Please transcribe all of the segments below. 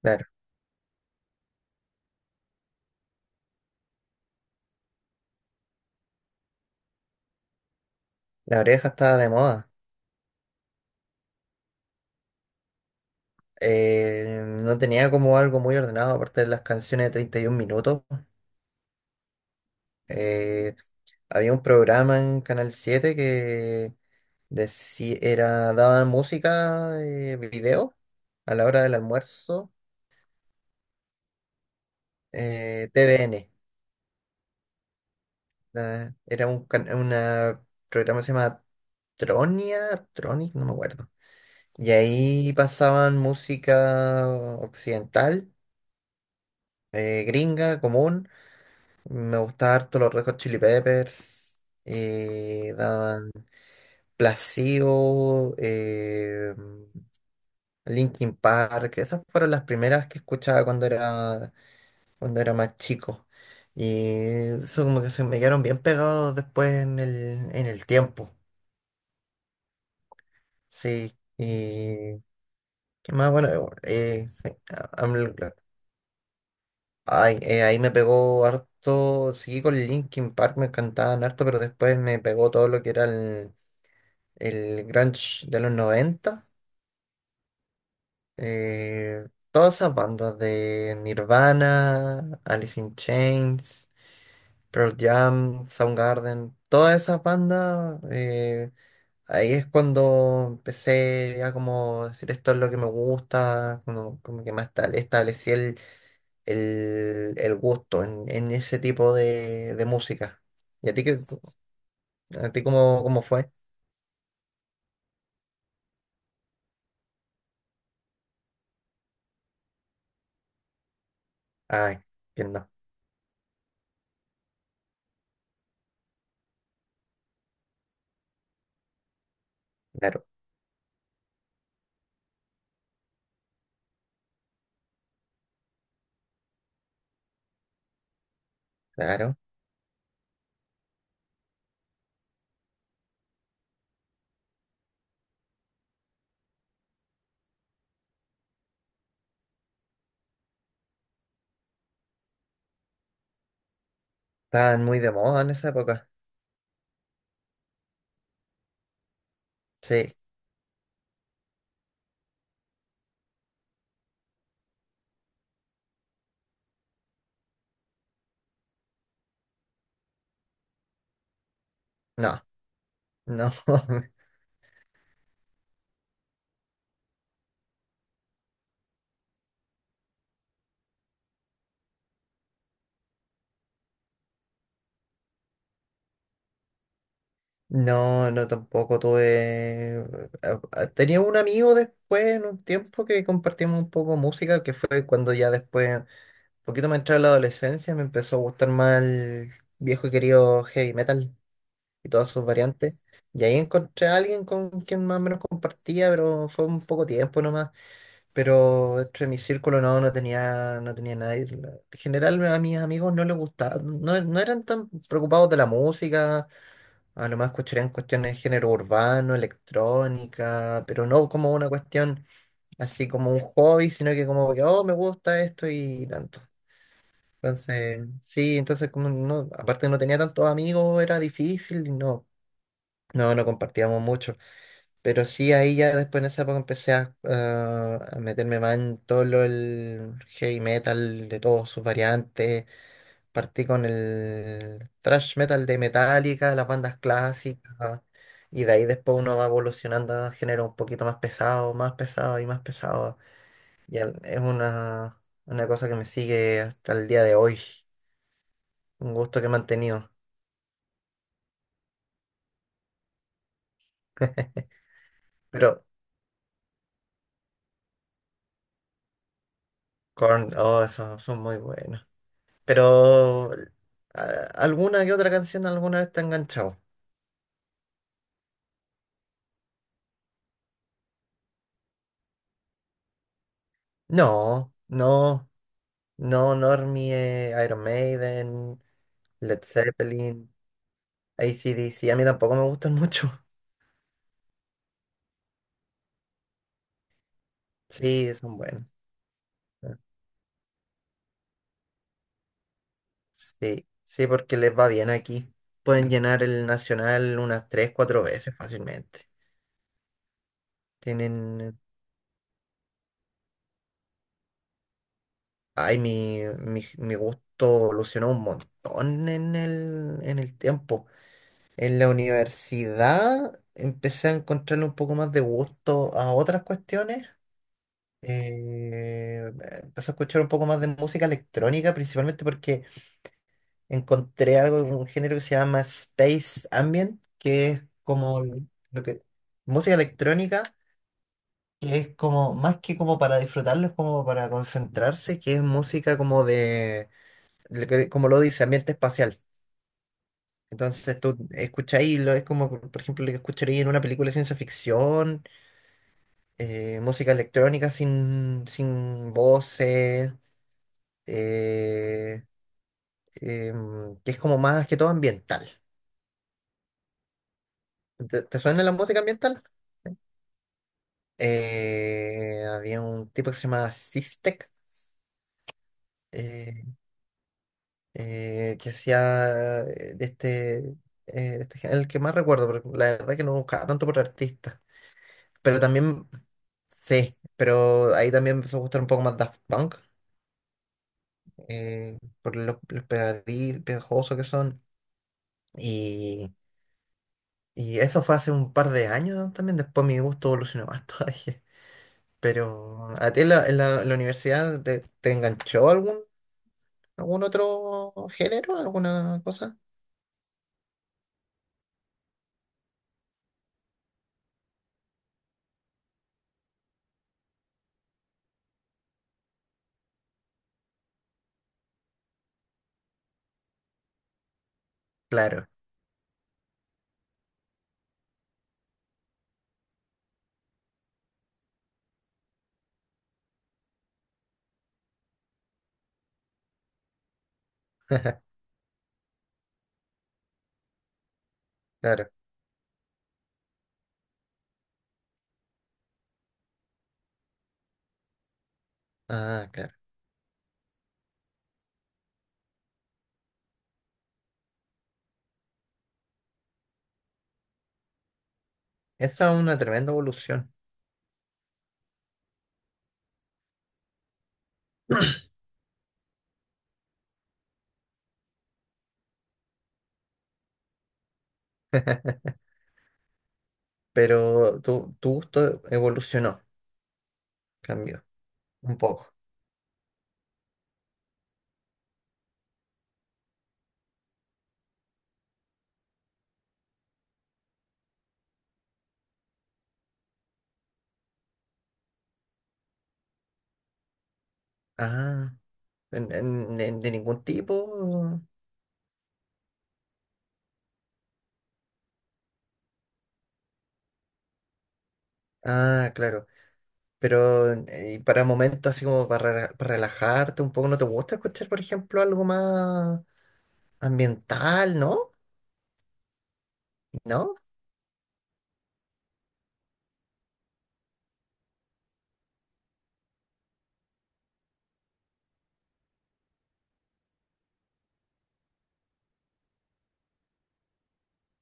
Claro, la oreja estaba de moda. No tenía como algo muy ordenado, aparte de las canciones de 31 minutos. Eh, Había un programa en Canal Siete que era, daban música, video, a la hora del almuerzo. TVN. Era una programa que se llama Tronia, Tronic, no me acuerdo. Y ahí pasaban música occidental, gringa, común. Me gustaba harto los Red Hot Chili Peppers. Daban Placebo, Linkin Park. Esas fueron las primeras que cuando era más chico. Y eso como que se me quedaron bien pegados después en el tiempo. Sí. Y qué más bueno. Sí, a mí ahí me pegó harto. Seguí con Linkin Park, me encantaban harto, pero después me pegó todo lo que era el grunge de los noventa, todas esas bandas de Nirvana, Alice in Chains, Pearl Jam, Soundgarden, todas esas bandas. Ahí es cuando empecé ya como decir esto es lo que me gusta, como, como que establecí el gusto en ese tipo de música. ¿Y a ti, qué, a ti cómo, cómo fue? Ay, quién no, claro, claro. Estaban muy de moda en esa época. Sí, no, no, no, no tampoco tuve. Tenía un amigo después en un tiempo que compartimos un poco música, que fue cuando ya después, un poquito más entrada a la adolescencia, me empezó a gustar más el viejo y querido heavy metal y todas sus variantes. Y ahí encontré a alguien con quien más o menos compartía, pero fue un poco tiempo nomás. Pero dentro de mi círculo no, no tenía nadie. En general a mis amigos no les gustaba, no, no eran tan preocupados de la música. A lo más escucharían cuestiones de género urbano, electrónica, pero no como una cuestión así como un hobby, sino que como que, oh, me gusta esto y tanto. Entonces, sí, entonces como no, aparte no tenía tantos amigos, era difícil, y no, no, no compartíamos mucho. Pero sí, ahí ya después en esa época empecé a, ah, a meterme más en todo lo, el heavy metal de todas sus variantes. Partí con el thrash metal de Metallica, las bandas clásicas. Y de ahí después uno va evolucionando a género un poquito más pesado, más pesado. Y es una cosa que me sigue hasta el día de hoy. Un gusto que he mantenido. Pero Korn, oh, esos son muy buenos. Pero a- alguna que otra canción alguna vez te ha enganchado. No, no, no, Normie, Iron Maiden, Led Zeppelin, AC/DC, a mí tampoco me gustan mucho. Sí, son buenos. Sí, sí, porque les va bien aquí. Pueden llenar el Nacional unas tres, cuatro veces fácilmente. Tienen... Ay, mi gusto evolucionó un montón en el tiempo. En la universidad empecé a encontrarle un poco más de gusto a otras cuestiones. Eh, Empecé a escuchar un poco más de música electrónica, principalmente porque encontré algo, un género que se llama Space Ambient, que es como lo que, música electrónica, que es como, más que como para disfrutarlo, es como para concentrarse, que es música como de, lo que- como lo dice, ambiente espacial. Entonces tú escucháis, lo- es como, por ejemplo, lo que escucharía en una película de ciencia ficción, música electrónica sin voces, eh, que es como más que todo ambiental. ¿Te suena la música ambiental? Había un tipo que se llamaba Sistek, eh, que hacía de este el que más recuerdo, pero la verdad que no buscaba tanto por artista. Pero también, sí, pero ahí también me empezó a gustar un poco más Daft Punk, por los pegajosos que son. Y, y eso fue hace un par de años también, después mi gusto evolucionó más todavía. Pero, ¿a ti en la universidad te enganchó algún? ¿Algún otro género? ¿Alguna cosa? Claro, claro. Ah, claro. Esa es una tremenda evolución, pero tu gusto evolucionó, cambió un poco. Ah, de ningún tipo. Ah, claro. Pero y para momentos así como para, para relajarte un poco, ¿no te gusta escuchar, por ejemplo, algo más ambiental, no? ¿No?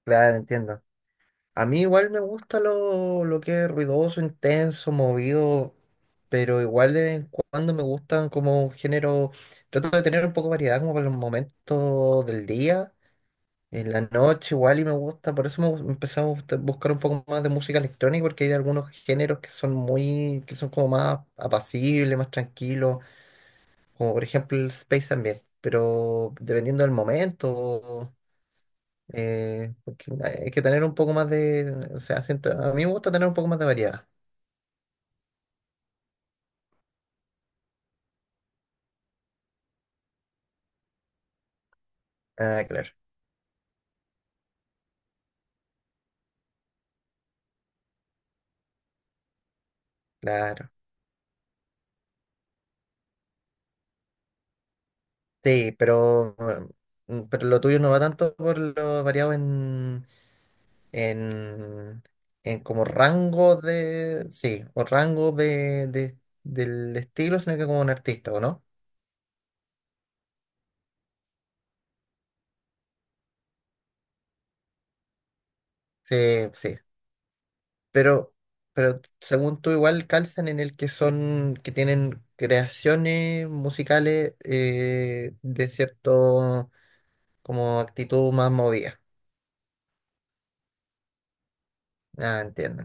Claro, entiendo. A mí igual me gusta lo que es ruidoso, intenso, movido, pero igual de vez en cuando me gustan como un género, trato de tener un poco de variedad como para los momentos del día, en la noche igual y me gusta, por eso empecé a buscar un poco más de música electrónica porque hay algunos géneros que son muy, que son como más apacibles, más tranquilos, como por ejemplo el space ambient, pero dependiendo del momento, porque hay que tener un poco más de, o sea, siento- a mí me gusta tener un poco más de variedad. Ah, claro, claro. Sí, pero, mm, pero lo tuyo no va tanto por lo variado en, en como rango de, sí, o rango de- del estilo, sino que como un artista, ¿o no? Sí, sí. Pero, pero según tú igual calzan en el que son, que tienen creaciones musicales de cierto como actitud más movida. Ah, entiendo.